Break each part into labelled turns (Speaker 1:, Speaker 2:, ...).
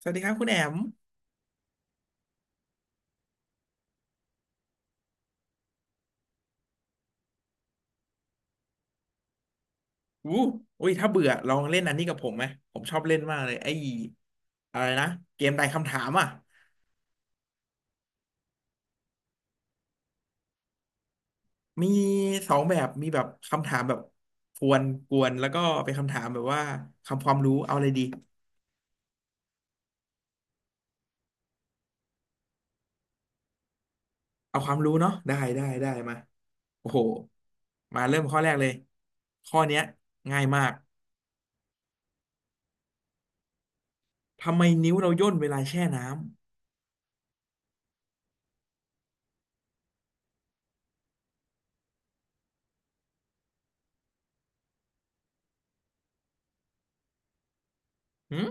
Speaker 1: สวัสดีครับคุณแอมอู้อุ้ยถ้าเบื่อลองเล่นอันนี้กับผมไหมผมชอบเล่นมากเลยไอ้อะไรนะเกมทายคำถามอ่ะมีสองแบบมีแบบคำถามแบบกวนกวนแล้วก็เป็นคำถามแบบว่าคำความรู้เอาอะไรดีเอาความรู้เนาะได้ได้ได้มาโอ้โหมาเริ่มข้อแรกเลยข้อเนี้ยง่ายมากทำไมนิ้วเราย่นเวลาแช่น้ำหืม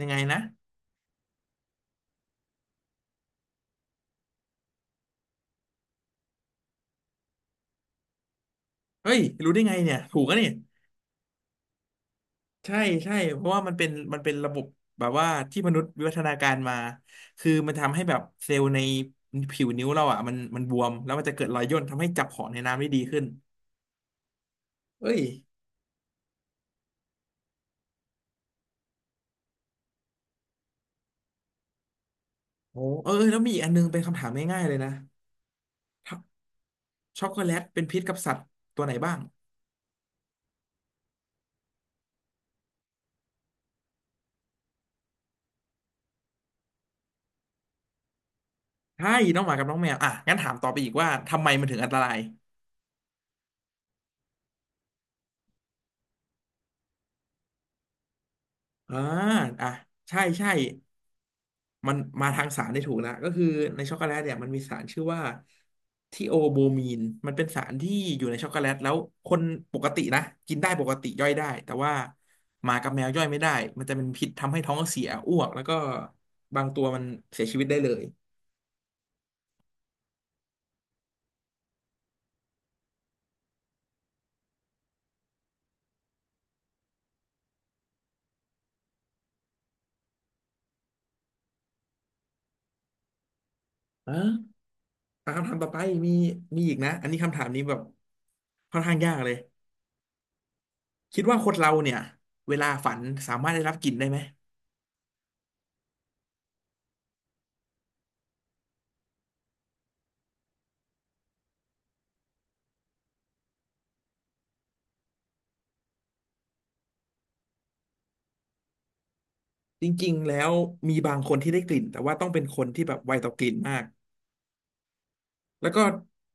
Speaker 1: ยังไงนะเฮ้ยรู้ได้ไงเนี่ยถูกอะนี่ ใช่ใช่เพราะว่ามันเป็นระบบแบบว่าที่มนุษย์วิวัฒนาการมาคือมันทำให้แบบเซลล์ในผิวนิ้วเราอ่ะมันบวมแล้วมันจะเกิดรอยย่นทำให้จับของในน้ำได้ดีขึ้นเอ้ยโอ้เออเออแล้วมีอีกอันนึงเป็นคำถามง่ายๆเลยนะช็อกช็อกโกแลตเป็นพิษกับสัตว์ตัวไหนบ้างใช่น้องหมากับน้องแมวอ่ะงั้นถามต่อไปอีกว่าทำไมมันถึงอันตรายอ่าอ่ะใช่ใช่ มันมาทางสารได้ถูกแล้วก็คือในช็อกโกแลตเนี่ยมันมีสารชื่อว่าทีโอโบมีนมันเป็นสารที่อยู่ในช็อกโกแลตแล้วคนปกตินะกินได้ปกติย่อยได้แต่ว่าหมากับแมวย่อยไม่ได้มันจะเป็นพิษทำให้ท้องเสียอ้วกแล้วก็บางตัวมันเสียชีวิตได้เลยอ่ะอ่ะคำถามต่อไปมีมีอีกนะอันนี้คำถามนี้แบบค่อนข้างยากเลยคิดว่าคนเราเนี่ยเวลาฝันสามารถได้รับกลิ่นได้ไหมจริงๆแล้วมีบางคนที่ได้กลิ่นแต่ว่าต้องเป็นคนที่แบบไวต่อกลิ่นมาก แล้วก็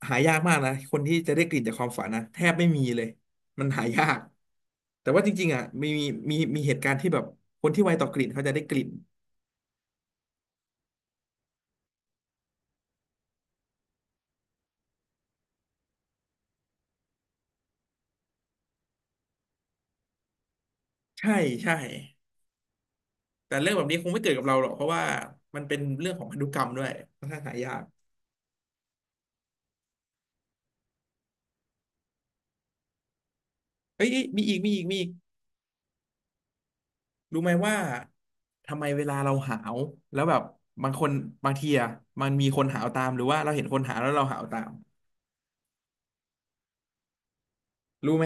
Speaker 1: หายากมากนะคนที่จะได้กลิ่นจากความฝันนะแทบไม่มีเลยมันหายากแต่ว่าจริงๆอ่ะมีเหตุการณ์ที่แบบคนที่ไวต่อกลิ่นเขาจะได้กลิ่นใช่ใช่แต่เรื่องแบบนี้คงไม่เกิดกับเราหรอกเพราะว่ามันเป็นเรื่องของพันธุกรรมด้วยค่อนข้างหายากเอ้ยเอ้ยมีอีกมีอีกมีอีกรู้ไหมว่าทำไมเวลาเราหาวแล้วแบบบางคนบางทีอ่ะมันมีคนหาวตามหรือว่าเราเห็นคนหาวแล้วเราหาวตามรู้ไหม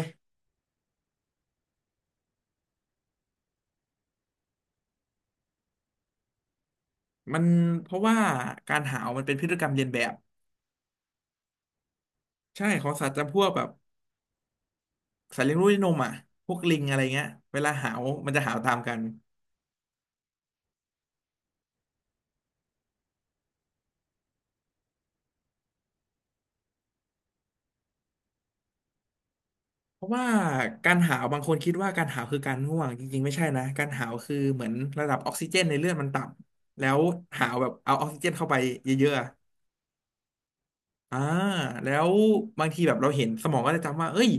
Speaker 1: มันเพราะว่าการหาวมันเป็นพฤติกรรมเลียนแบบ ใช่ของสัตว์จำพวกแบบสัตว์เลี้ยงลูกด้วยนมอ่ะพวกลิงอะไรเงี้ยเวลาหาวมันจะหาวตามกัน เพราะว่าการหาวบางคนคิดว่าการหาวคือการง่วงจริงๆไม่ใช่นะการหาวคือเหมือนระดับออกซิเจนในเลือดมันต่ำแล้วหาวแบบเอาออกซิเจนเข้าไปเยอะๆอะอ่าแล้วบางทีแบบเราเห็นสมองก็จะจำว่าเอ้ย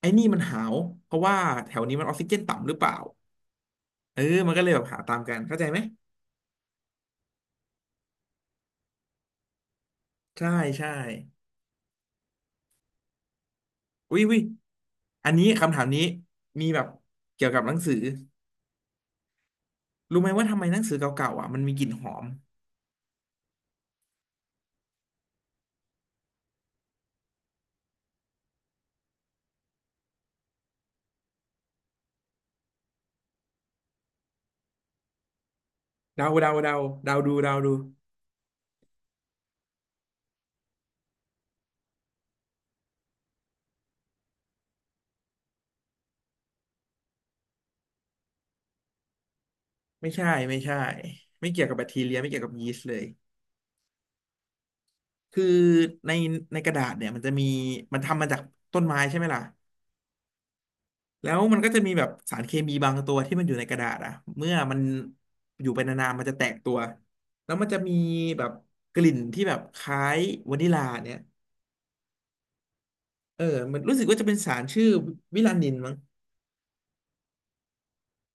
Speaker 1: ไอ้นี่มันหาวเพราะว่าแถวนี้มันออกซิเจนต่ำหรือเปล่าเออมันก็เลยแบบหาวตามกันเข้าใจไหมใช่ใช่วิวิอยอันนี้คำถามนี้มีแบบเกี่ยวกับหนังสือ รู้ไหมว่าทำไมหนังสือเก่าๆอ่ะมันมีกลิ่นหอมเดาเดาเดาเดาดูเดาดูไม่ใช่ไม่ใช่ไม่เกี่ยวกับแบคทีเรียไม่เกี่ยวกับยีสต์เลยคือในในกระดาษเนี่ยมันจะมีมันทำมาจากต้นไม้ใช่ไหมล่ะแล้วมันก็จะมีแบบสารเคมีบางตัวที่มันอยู่ในกระดาษอ่ะเมื่อมันอยู่ไปนานๆมันจะแตกตัวแล้วมันจะมีแบบกลิ่นที่แบบคล้ายวานิลลาเนี่ยเออมันรู้สึกว่าจะเป็นสารชื่อวิลานินมั้ง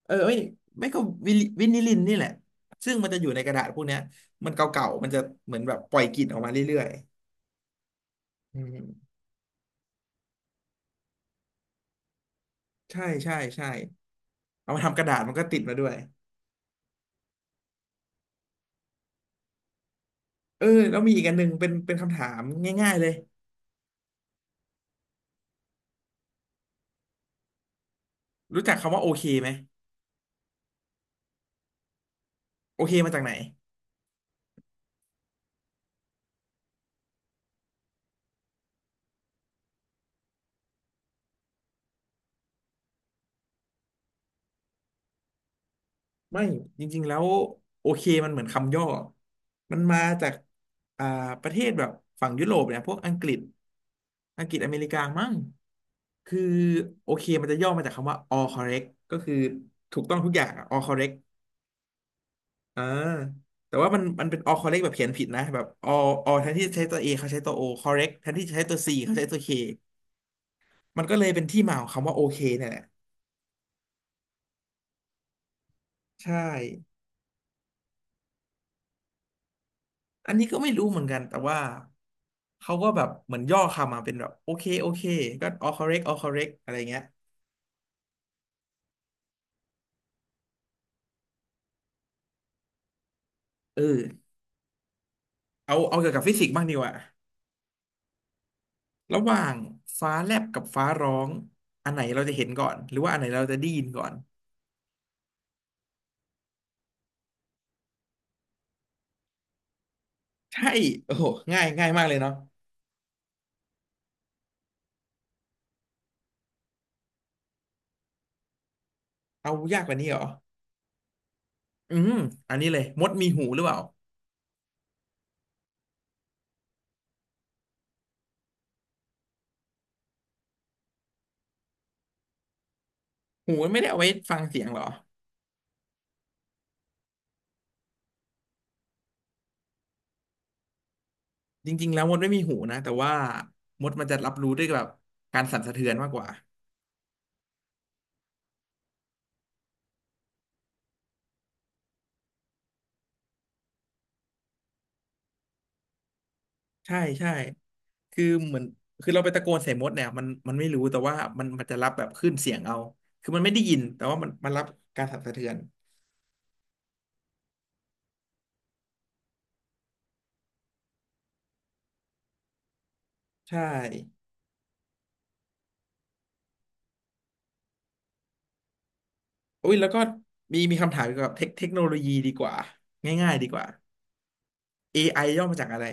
Speaker 1: เออไม่ไม่ก็วิลิวินิลินนี่แหละซึ่งมันจะอยู่ในกระดาษพวกเนี้ยมันเก่าๆมันจะเหมือนแบบปล่อยกลิ่นออกมาเรื่อยๆอืมใช่ใช่ใช่เอามาทำกระดาษมันก็ติดมาด้วยเออแล้วมีอีกอันหนึ่งเป็นคำถามง่ายๆเลยรู้จักคำว่าโอเคไหมโอเคมาจากไหน ไม่จริงๆแล้วโอเคมันเหมือนคำย่อมันมาจากอ่าประเทศแบบฝั่งยุโรปเนี่ยพวกอังกฤษอังกฤษอเมริกามั่งคือโอเคมันจะย่อมาจากคำว่า all correct ก็คือถูกต้องทุกอย่างอะ all correct อ่าแต่ว่ามันเป็น all correct แบบเขียนผิดนะแบบ all แทนที่จะใช้ตัว A เขาใช้ตัว O correct แทนที่จะใช้ตัว C เขาใช้ตัว K มันก็เลยเป็นที่มาของคำว่าโอเคเนี่ยแหละใช่อันนี้ก็ไม่รู้เหมือนกันแต่ว่า เขาก็แบบเหมือนย่อคำมาเป็นแบบโอเคโอเคก็ all correct all correct อะไรเงี้ยเออเอาเกี่ยวกับฟิสิกส์บ้างดีกว่าระหว่างฟ้าแลบกับฟ้าร้องอันไหนเราจะเห็นก่อนหรือว่าอันไหนเราจะได้ยินก่อนใช่โอ้โหง่ายง่ายมากเลยเนาะเอายากกว่านี้เหรออืมอันนี้เลยมดมีหูหรือเปล่าหูมันไม่ได้เอาไว้ฟังเสียงหรอจริงๆแล้วมดไม่มีหูนะแต่ว่ามดมันจะรับรู้ด้วยแบบการสั่นสะเทือนมากกว่า ใช่ใช่คือเหมือนคือเราไปตะโกนใส่มดเนี่ยมันไม่รู้แต่ว่ามันจะรับแบบขึ้นเสียงเอาคือมันไม่ได้ยินแต่ว่ามันรับการสั่นสะเทือนใช่โอ้ยแล้วก็มีคำถามเกี่ยวกับเทคโนโลยีดีกว่าง่ายๆดีกว่า AI ย่อมาจากอะไร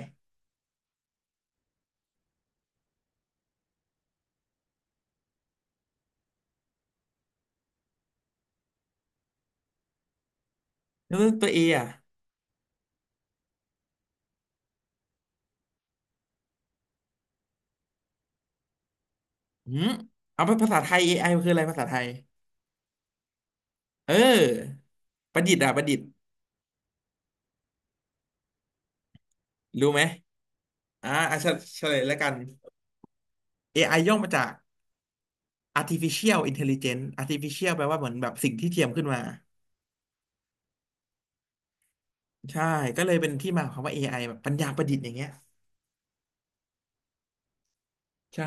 Speaker 1: แล้วตัว A อ่ะหืมเอาภาษาไทย AI มันคืออะไรภาษาไทยเออประดิษฐ์อ่ะประดิษฐ์รู้ไหมอ่ะเฉลยแล้วกัน AI ย่อมาจาก artificial intelligence artificial แปลว่าเหมือนแบบสิ่งที่เทียมขึ้นมา ใช่ก็เลยเป็นที่มาของคำว่าเอไอแบบปัญญาประดิษฐ์อย่างเงี้ยใช่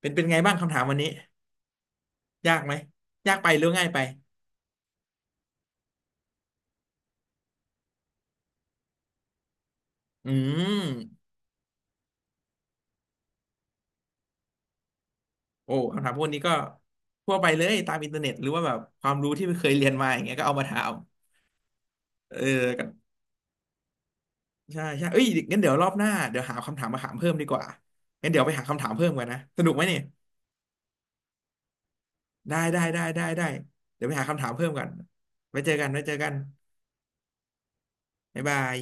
Speaker 1: เป็นไงบ้างคำถามวันนี้ยากไหมยากไปหรือง่ายไปอืมโอ้คำถามพวกนี้ก็ทั่วไปเลยตามอินเทอร์เน็ตหรือว่าแบบความรู้ที่เคยเรียนมาอย่างเงี้ยก็เอามาถามเออก็ใช่ใช่เอ้ยงั้นเดี๋ยวรอบหน้าเดี๋ยวหาคำถามมาถามเพิ่มดีกว่างั้นเดี๋ยวไปหาคำถามเพิ่มกันนะสนุกไหมเนี่ยได้ได้ได้ได้ได้เดี๋ยวไปหาคำถามเพิ่มกันไว้เจอกันไว้เจอกันบ๊ายบาย